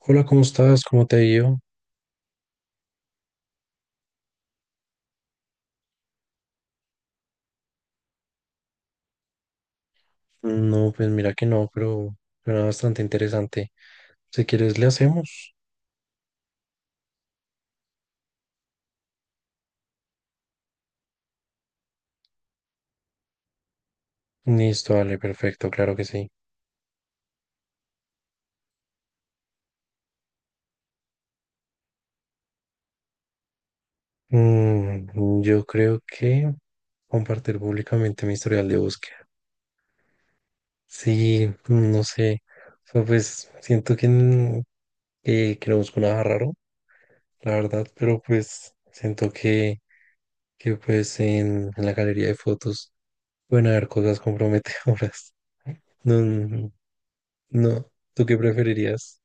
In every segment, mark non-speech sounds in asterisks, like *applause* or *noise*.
Hola, ¿cómo estás? ¿Cómo te ha ido? No, pues mira que no, pero era bastante interesante. Si quieres, le hacemos. Listo, vale, perfecto, claro que sí. Yo creo que compartir públicamente mi historial de búsqueda. Sí, no sé. O sea, pues siento que no busco nada raro, la verdad, pero pues siento que pues en la galería de fotos pueden haber cosas comprometedoras. *laughs* No, no, no. ¿Tú qué preferirías?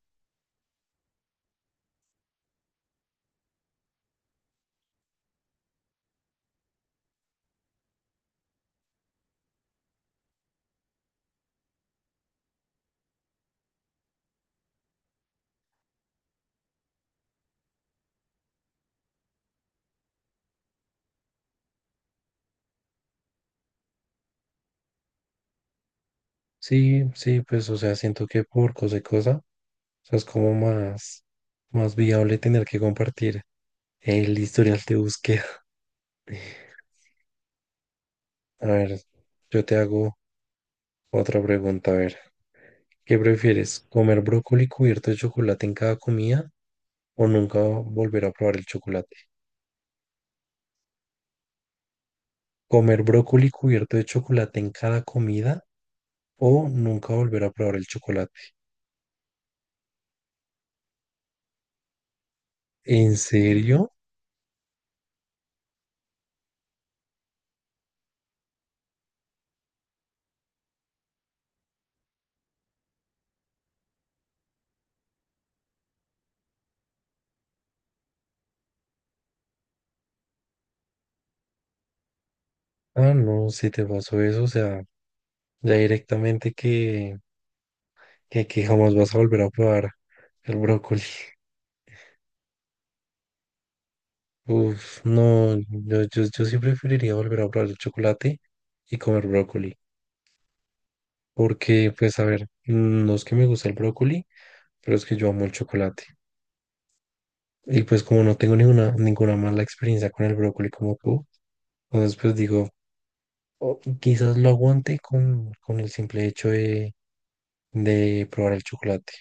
Sí, sí, pues, o sea, siento que por cosa y cosa, o sea, es como más, más viable tener que compartir el historial de búsqueda. *laughs* A ver, yo te hago otra pregunta. A ver, ¿qué prefieres? ¿Comer brócoli cubierto de chocolate en cada comida o nunca volver a probar el chocolate? ¿Comer brócoli cubierto de chocolate en cada comida o nunca volver a probar el chocolate? ¿En serio? Ah, no, si te pasó eso, o sea, ya directamente que jamás vas a volver a probar el brócoli. Uf, no, yo sí preferiría volver a probar el chocolate y comer brócoli, porque pues a ver, no es que me gusta el brócoli, pero es que yo amo el chocolate. Y pues como no tengo ninguna, ninguna mala experiencia con el brócoli como tú, entonces pues digo, o quizás lo aguante con el simple hecho de probar el chocolate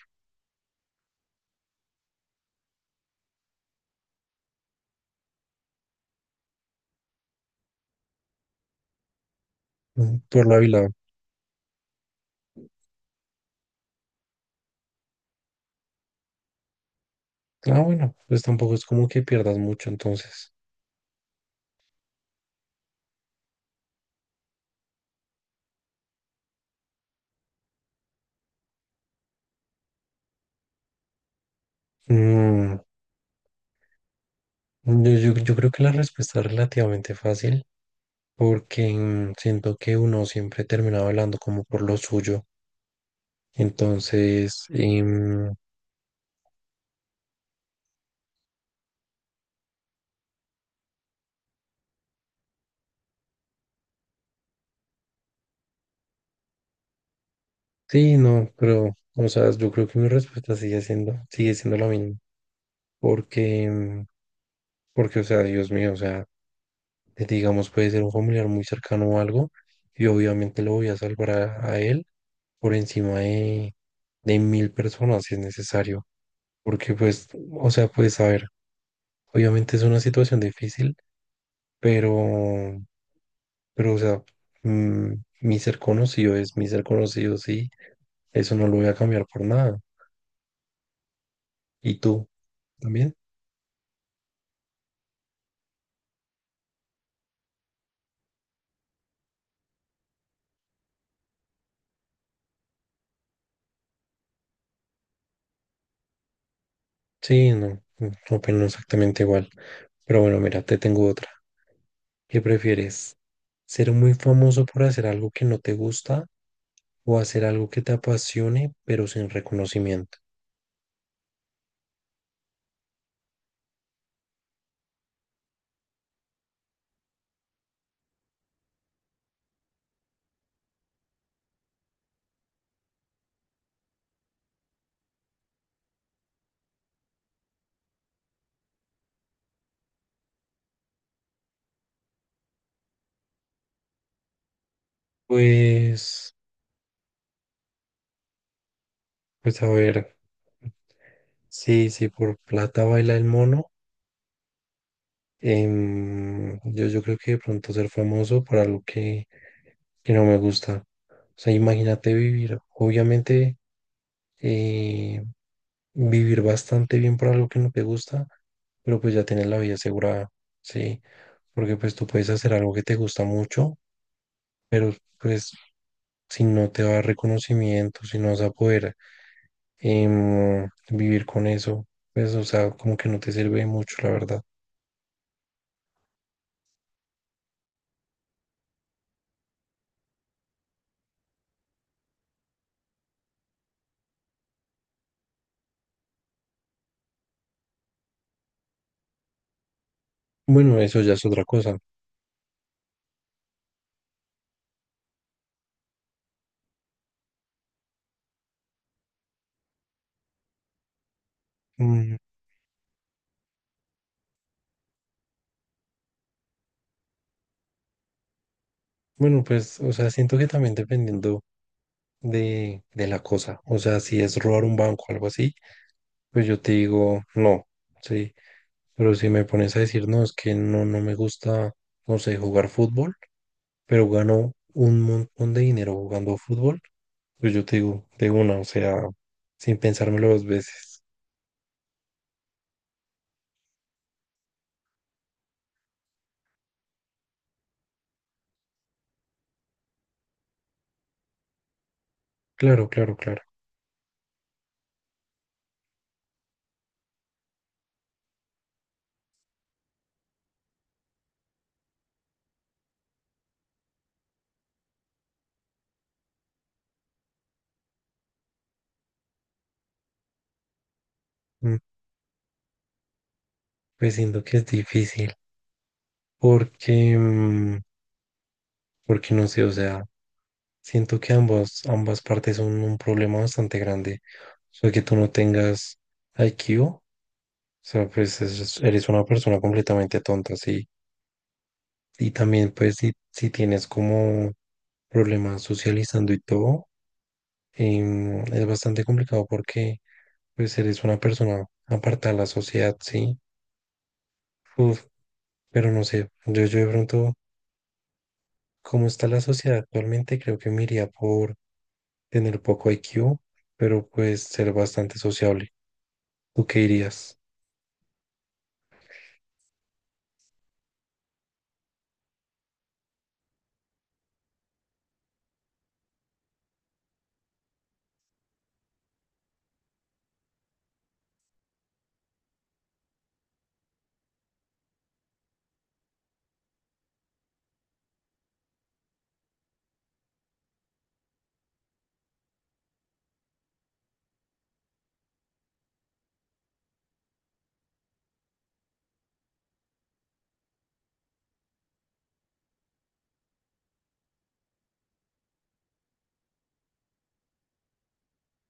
por la vila. Ah, bueno, pues tampoco es como que pierdas mucho entonces. Mm, yo creo que la respuesta es relativamente fácil porque siento que uno siempre termina hablando como por lo suyo. Entonces, sí, no, pero, o sea, yo creo que mi respuesta sigue siendo la misma. Porque, mm, porque, o sea, Dios mío, o sea, digamos, puede ser un familiar muy cercano o algo, y obviamente lo voy a salvar a él por encima de mil personas si es necesario. Porque, pues, o sea, pues, saber obviamente es una situación difícil, pero, pero o sea, mm, mi ser conocido es mi ser conocido, sí, eso no lo voy a cambiar por nada. ¿Y tú? ¿También? Sí, no, opino exactamente igual. Pero bueno, mira, te tengo otra. ¿Qué prefieres? ¿Ser muy famoso por hacer algo que no te gusta o hacer algo que te apasione pero sin reconocimiento? Pues, pues a ver, sí, sí, por plata baila el mono. Yo creo que de pronto ser famoso por que no me gusta. O sea, imagínate vivir, obviamente, eh, vivir bastante bien por algo que no te gusta, pero pues ya tienes la vida asegurada, ¿sí? Porque pues tú puedes hacer algo que te gusta mucho, pero pues si no te va a dar reconocimiento, si no vas a poder vivir con eso, pues o sea, como que no te sirve mucho, la verdad. Bueno, eso ya es otra cosa. Mm, Bueno, pues, o sea, siento que también dependiendo de la cosa, o sea, si es robar un banco o algo así, pues yo te digo no, sí, pero si me pones a decir no, es que no, no me gusta, no sé, jugar fútbol, pero gano un montón de dinero jugando fútbol, pues yo te digo de una, o sea, sin pensármelo dos veces. Claro, claro, claro. Mm, pues siento que es difícil, porque, mm, porque no sé, o sea. Siento que ambas, ambas partes son un problema bastante grande. O sea, que tú no tengas IQ, o sea, eres una persona completamente tonta, sí. Y también, pues, si tienes como problemas socializando y todo, es bastante complicado porque, pues, eres una persona apartada de la sociedad, sí. Uf, pero no sé, yo de pronto, cómo está la sociedad actualmente, creo que me iría por tener poco IQ, pero pues ser bastante sociable. ¿Tú qué dirías?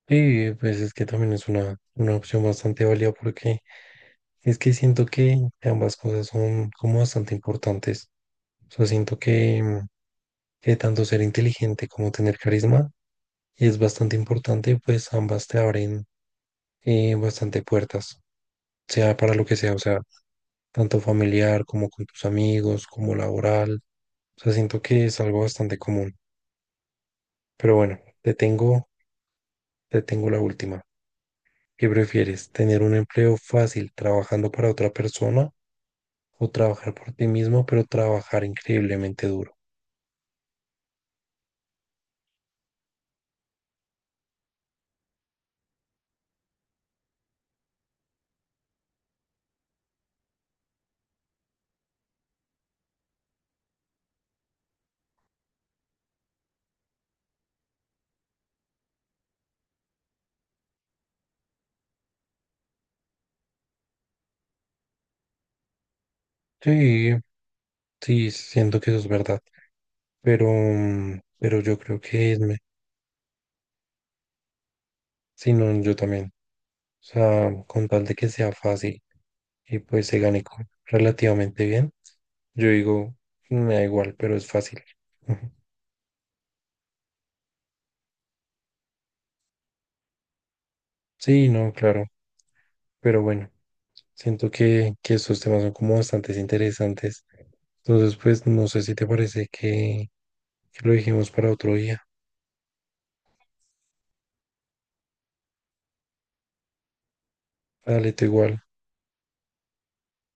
Sí, pues es que también es una opción bastante válida porque es que siento que ambas cosas son como bastante importantes. O sea, siento que tanto ser inteligente como tener carisma es bastante importante, pues ambas te abren bastante puertas, sea para lo que sea, o sea, tanto familiar como con tus amigos, como laboral. O sea, siento que es algo bastante común. Pero bueno, te tengo la última. ¿Qué prefieres? ¿Tener un empleo fácil trabajando para otra persona o trabajar por ti mismo, pero trabajar increíblemente duro? Sí, sí, siento que eso es verdad, pero yo creo que sí, no, yo también. O sea, con tal de que sea fácil y pues relativamente bien, yo digo, me da igual, pero es fácil. Ujú. Sí, no, claro, pero bueno. Siento que estos temas son como bastante interesantes. Entonces, pues no sé si te parece que lo dejemos para otro día. Dale, tú igual.